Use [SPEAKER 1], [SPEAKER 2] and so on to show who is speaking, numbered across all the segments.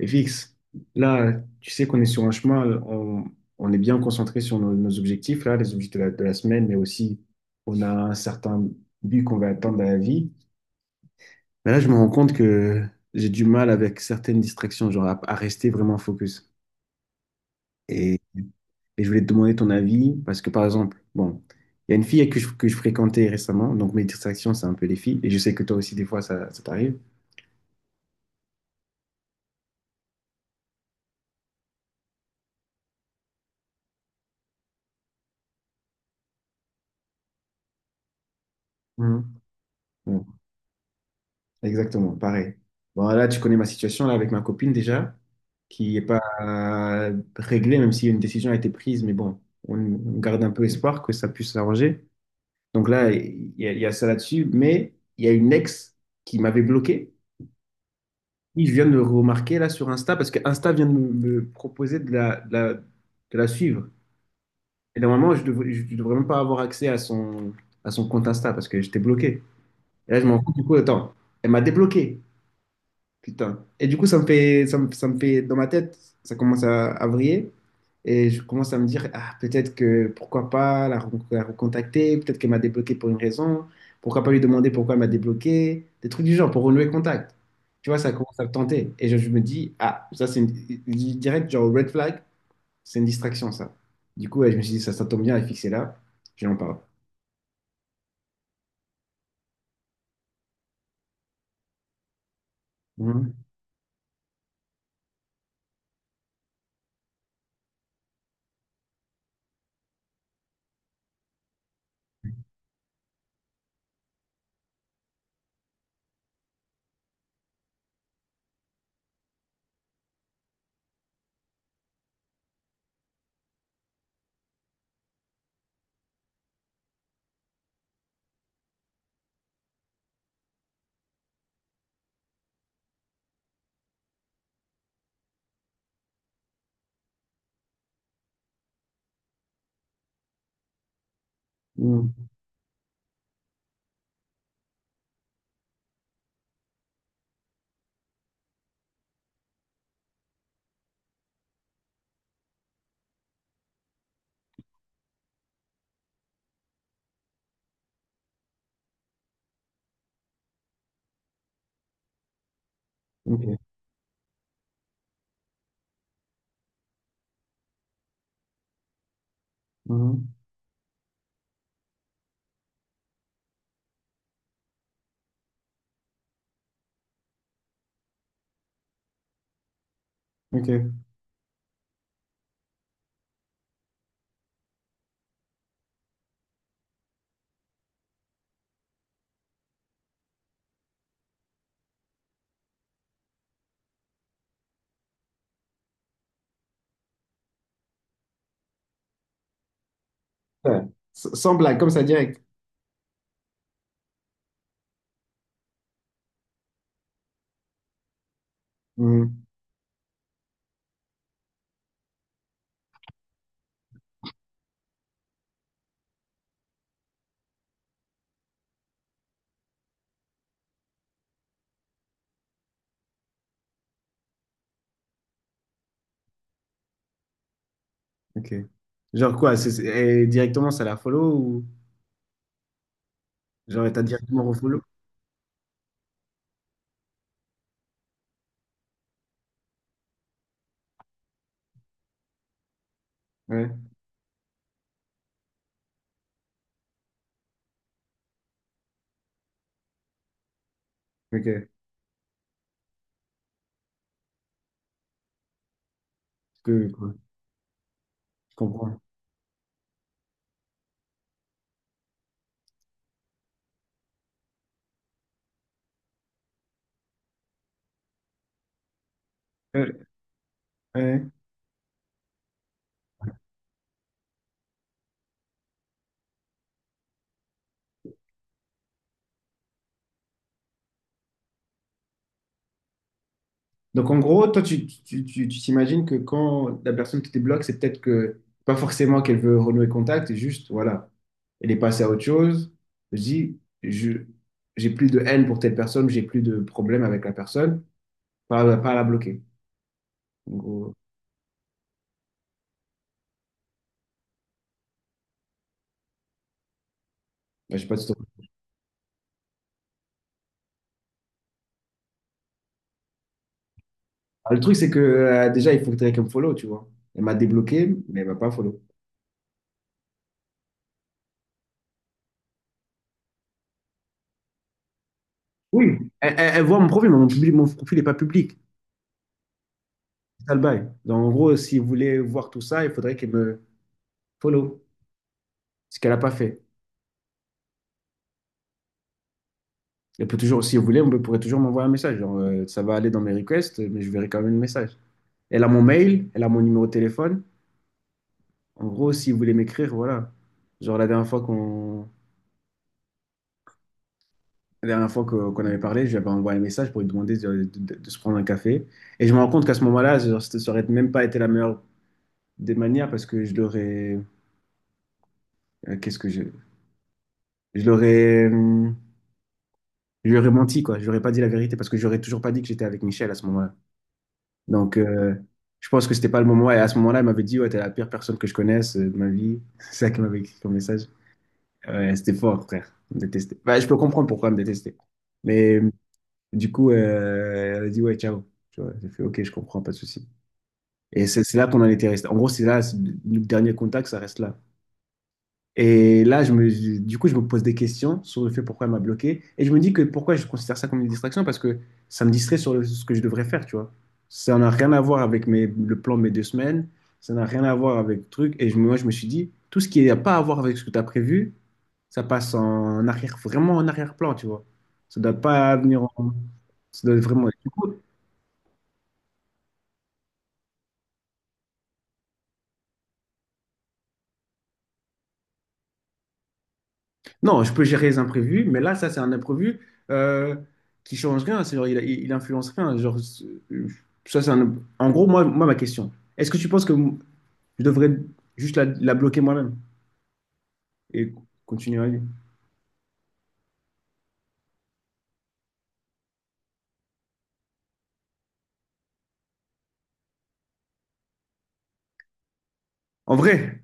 [SPEAKER 1] Et fixe, là, tu sais qu'on est sur un chemin, on est bien concentré sur nos objectifs, là, les objectifs de la semaine, mais aussi on a un certain but qu'on va atteindre dans la vie. Mais là, je me rends compte que j'ai du mal avec certaines distractions, genre à rester vraiment focus. Et, et je voulais te demander ton avis, parce que par exemple, bon, il y a une fille que je fréquentais récemment, donc mes distractions, c'est un peu les filles, et je sais que toi aussi, des fois, ça t'arrive. Mhm. Mhm. Exactement, pareil. Bon, là, tu connais ma situation là, avec ma copine déjà, qui n'est pas réglée, même si une décision a été prise, mais bon, on garde un peu espoir que ça puisse s'arranger. Donc là, il y a ça là-dessus, mais il y a une ex qui m'avait bloqué. Oui, je viens de le remarquer là sur Insta parce que Insta vient de me proposer de la suivre. Et normalement, je devrais même pas avoir accès à son compte Insta parce que j'étais bloqué. Et là, je m'en rends compte, du coup, attends, elle m'a débloqué. Putain. Et du coup, ça me fait, dans ma tête, ça commence à vriller. Et je commence à me dire, ah, peut-être que, pourquoi pas la recontacter, peut-être qu'elle m'a débloqué pour une raison, pourquoi pas lui demander pourquoi elle m'a débloqué, des trucs du genre, pour renouer contact. Tu vois, ça commence à me tenter. Et je me dis, ah, ça c'est une, direct, genre red flag, c'est une distraction, ça. Du coup, ouais, je me suis dit, ça tombe bien, elle est fixée là, je lui en parle. Mhm. Mhm. Ok. Mhm. Ok. Ouais. Sans blague, comme ça, direct. Mmh. Ok. Genre quoi, et directement ça la follow ou genre t'as directement refollow? Ouais, ok. Parce que, quoi, je comprends. Euh, ouais. Donc en gros, toi tu t'imagines que quand la personne te débloque, c'est peut-être que pas forcément qu'elle veut renouer contact, c'est juste voilà, elle est passée à autre chose. Je dis, je j'ai plus de haine pour telle personne, j'ai plus de problème avec la personne, pas à la bloquer. En gros, bah, j'ai pas de story. Ah, le truc c'est que déjà il faudrait qu'elle me follow, tu vois. Elle m'a débloqué, mais elle m'a pas follow. Oui, elle voit mon profil, mais mon profil n'est pas public. C'est ça le bail. Donc, en gros, si vous voulez voir tout ça, il faudrait qu'elle me follow, ce qu'elle n'a pas fait. Elle peut toujours, si vous voulez, on pourrait toujours m'envoyer un message. Genre, ça va aller dans mes requests, mais je verrai quand même le message. Elle a mon mail, elle a mon numéro de téléphone. En gros, si vous voulez m'écrire, voilà. Genre, la dernière fois qu'on la dernière fois que- qu'on avait parlé, j'avais envoyé un message pour lui demander de se prendre un café. Et je me rends compte qu'à ce moment-là, genre, ça n'aurait même pas été la meilleure des manières parce que euh, Qu'est-ce que je... je l'aurais, je lui aurais menti, quoi. Je lui aurais pas dit la vérité parce que j'aurais toujours pas dit que j'étais avec Michel à ce moment-là. Donc, je pense que c'était pas le moment. Et à ce moment-là, il m'avait dit, ouais, t'es la pire personne que je connaisse de ma vie. C'est ça qu'elle m'avait écrit comme message. Ouais, c'était fort, frère. Elle me détestait. Bah, je peux comprendre pourquoi elle me détestait. Mais du coup, elle a dit, ouais, ciao. Tu vois, j'ai fait, ok, je comprends, pas de souci. Et c'est là qu'on en était resté. En gros, c'est là, le dernier contact, ça reste là. Et là, du coup, je me pose des questions sur le fait pourquoi elle m'a bloqué. Et je me dis que pourquoi je considère ça comme une distraction, parce que ça me distrait sur ce que je devrais faire, tu vois. Ça n'a rien à voir avec le plan de mes deux semaines, ça n'a rien à voir avec le truc. Et moi, je me suis dit, tout ce qui n'a pas à voir avec ce que tu as prévu, ça passe en arrière, vraiment en arrière-plan, tu vois. Ça ne doit pas venir en. Ça doit vraiment. Du coup, non, je peux gérer les imprévus, mais là, ça, c'est un imprévu euh, qui change rien. C'est genre, il influence rien. Genre, ça, c'est un- en gros, moi, ma question, est-ce que tu penses que je devrais juste la bloquer moi-même et continuer à vie? En vrai,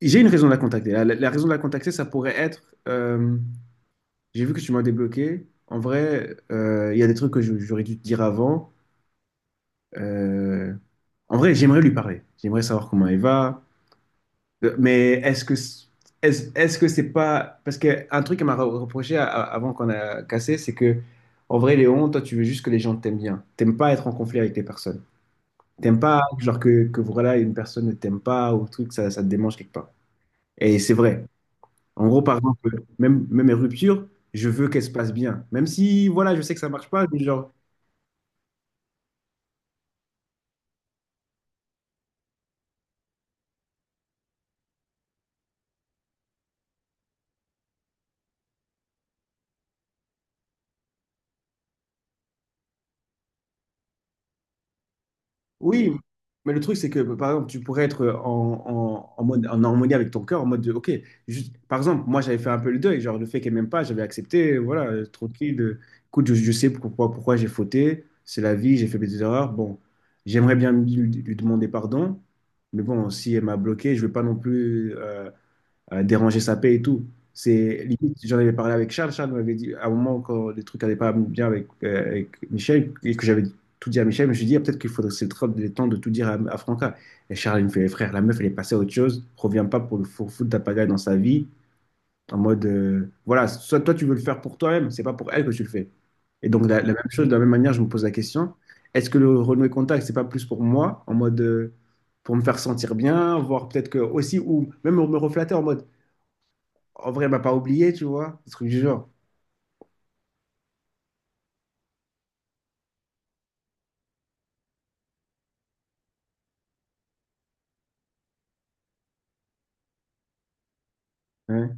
[SPEAKER 1] j'ai une raison de la contacter. La raison de la contacter, ça pourrait être, j'ai vu que tu m'as débloqué. En vrai, il y a des trucs que j'aurais dû te dire avant. Euh, En vrai, j'aimerais lui parler. J'aimerais savoir comment elle va. Mais est-ce que c'est pas parce que un truc qu'elle m'a reproché avant qu'on a cassé, c'est que en vrai Léon, toi tu veux juste que les gens t'aiment bien. T'aimes pas être en conflit avec les personnes. T'aimes pas genre que voilà une personne ne t'aime pas ou truc ça te démange quelque part. Et c'est vrai. En gros par exemple même mes ruptures, je veux qu'elles se passent bien. Même si voilà je sais que ça marche pas, mais genre oui, mais le truc, c'est que, par exemple, tu pourrais être en mode, en harmonie avec ton cœur, en mode de, OK, juste, par exemple, moi, j'avais fait un peu le deuil, genre le fait qu'elle m'aime pas, j'avais accepté, voilà, tranquille, écoute, je sais pourquoi j'ai fauté, c'est la vie, j'ai fait des erreurs, bon, j'aimerais bien lui demander pardon, mais bon, si elle m'a bloqué, je veux pas non plus déranger sa paix et tout. C'est limite, j'en avais parlé avec Charles. Charles m'avait dit, à un moment, quand les trucs n'allaient pas bien avec Michel, et que j'avais tout dit à Michel, je me suis dit, ah, peut-être qu'il faudrait, c'est le temps de tout dire à Franca. Et Charles, il me fait, frère, la meuf, elle est passée à autre chose, reviens pas pour foutre ta pagaille dans sa vie, en mode, voilà, soit toi, tu veux le faire pour toi-même, c'est pas pour elle que tu le fais. Et donc, la même chose, de la même manière, je me pose la question, est-ce que le renouer contact, c'est pas plus pour moi, en mode, pour me faire sentir bien, voir peut-être que aussi, ou même me reflatter en mode, en vrai, elle m'a pas oublié, tu vois, ce truc du genre. Ouais,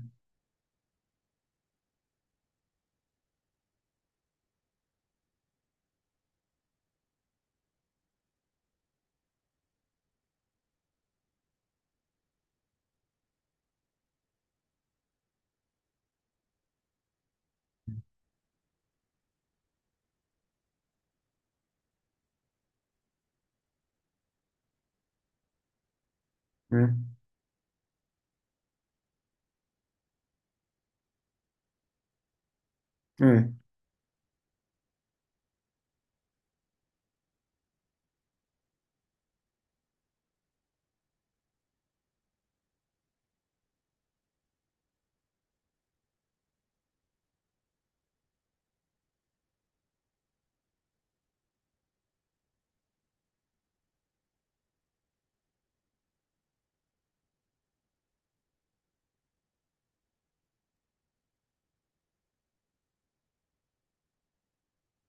[SPEAKER 1] ouais, ouais,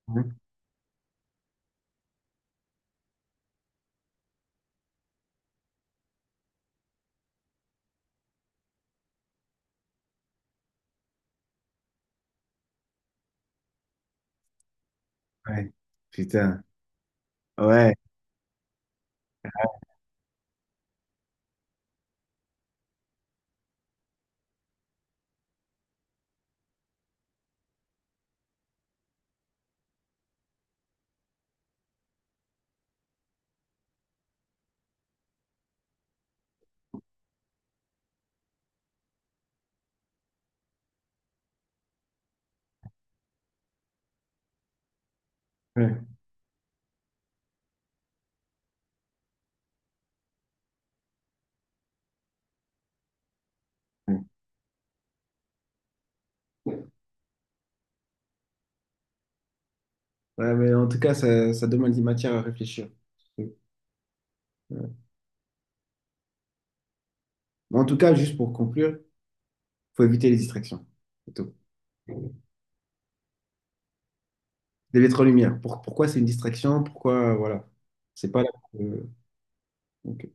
[SPEAKER 1] ouais, ouais. Putain, ouais, ouais, ouais. Ouais, mais en tout cas, ça demande des matières à réfléchir. Ouais. Mais en tout cas, juste pour conclure, faut éviter les distractions. C'est tout. Les lettres en lumière. Pourquoi c'est une distraction? Pourquoi, voilà. C'est pas là. Ok.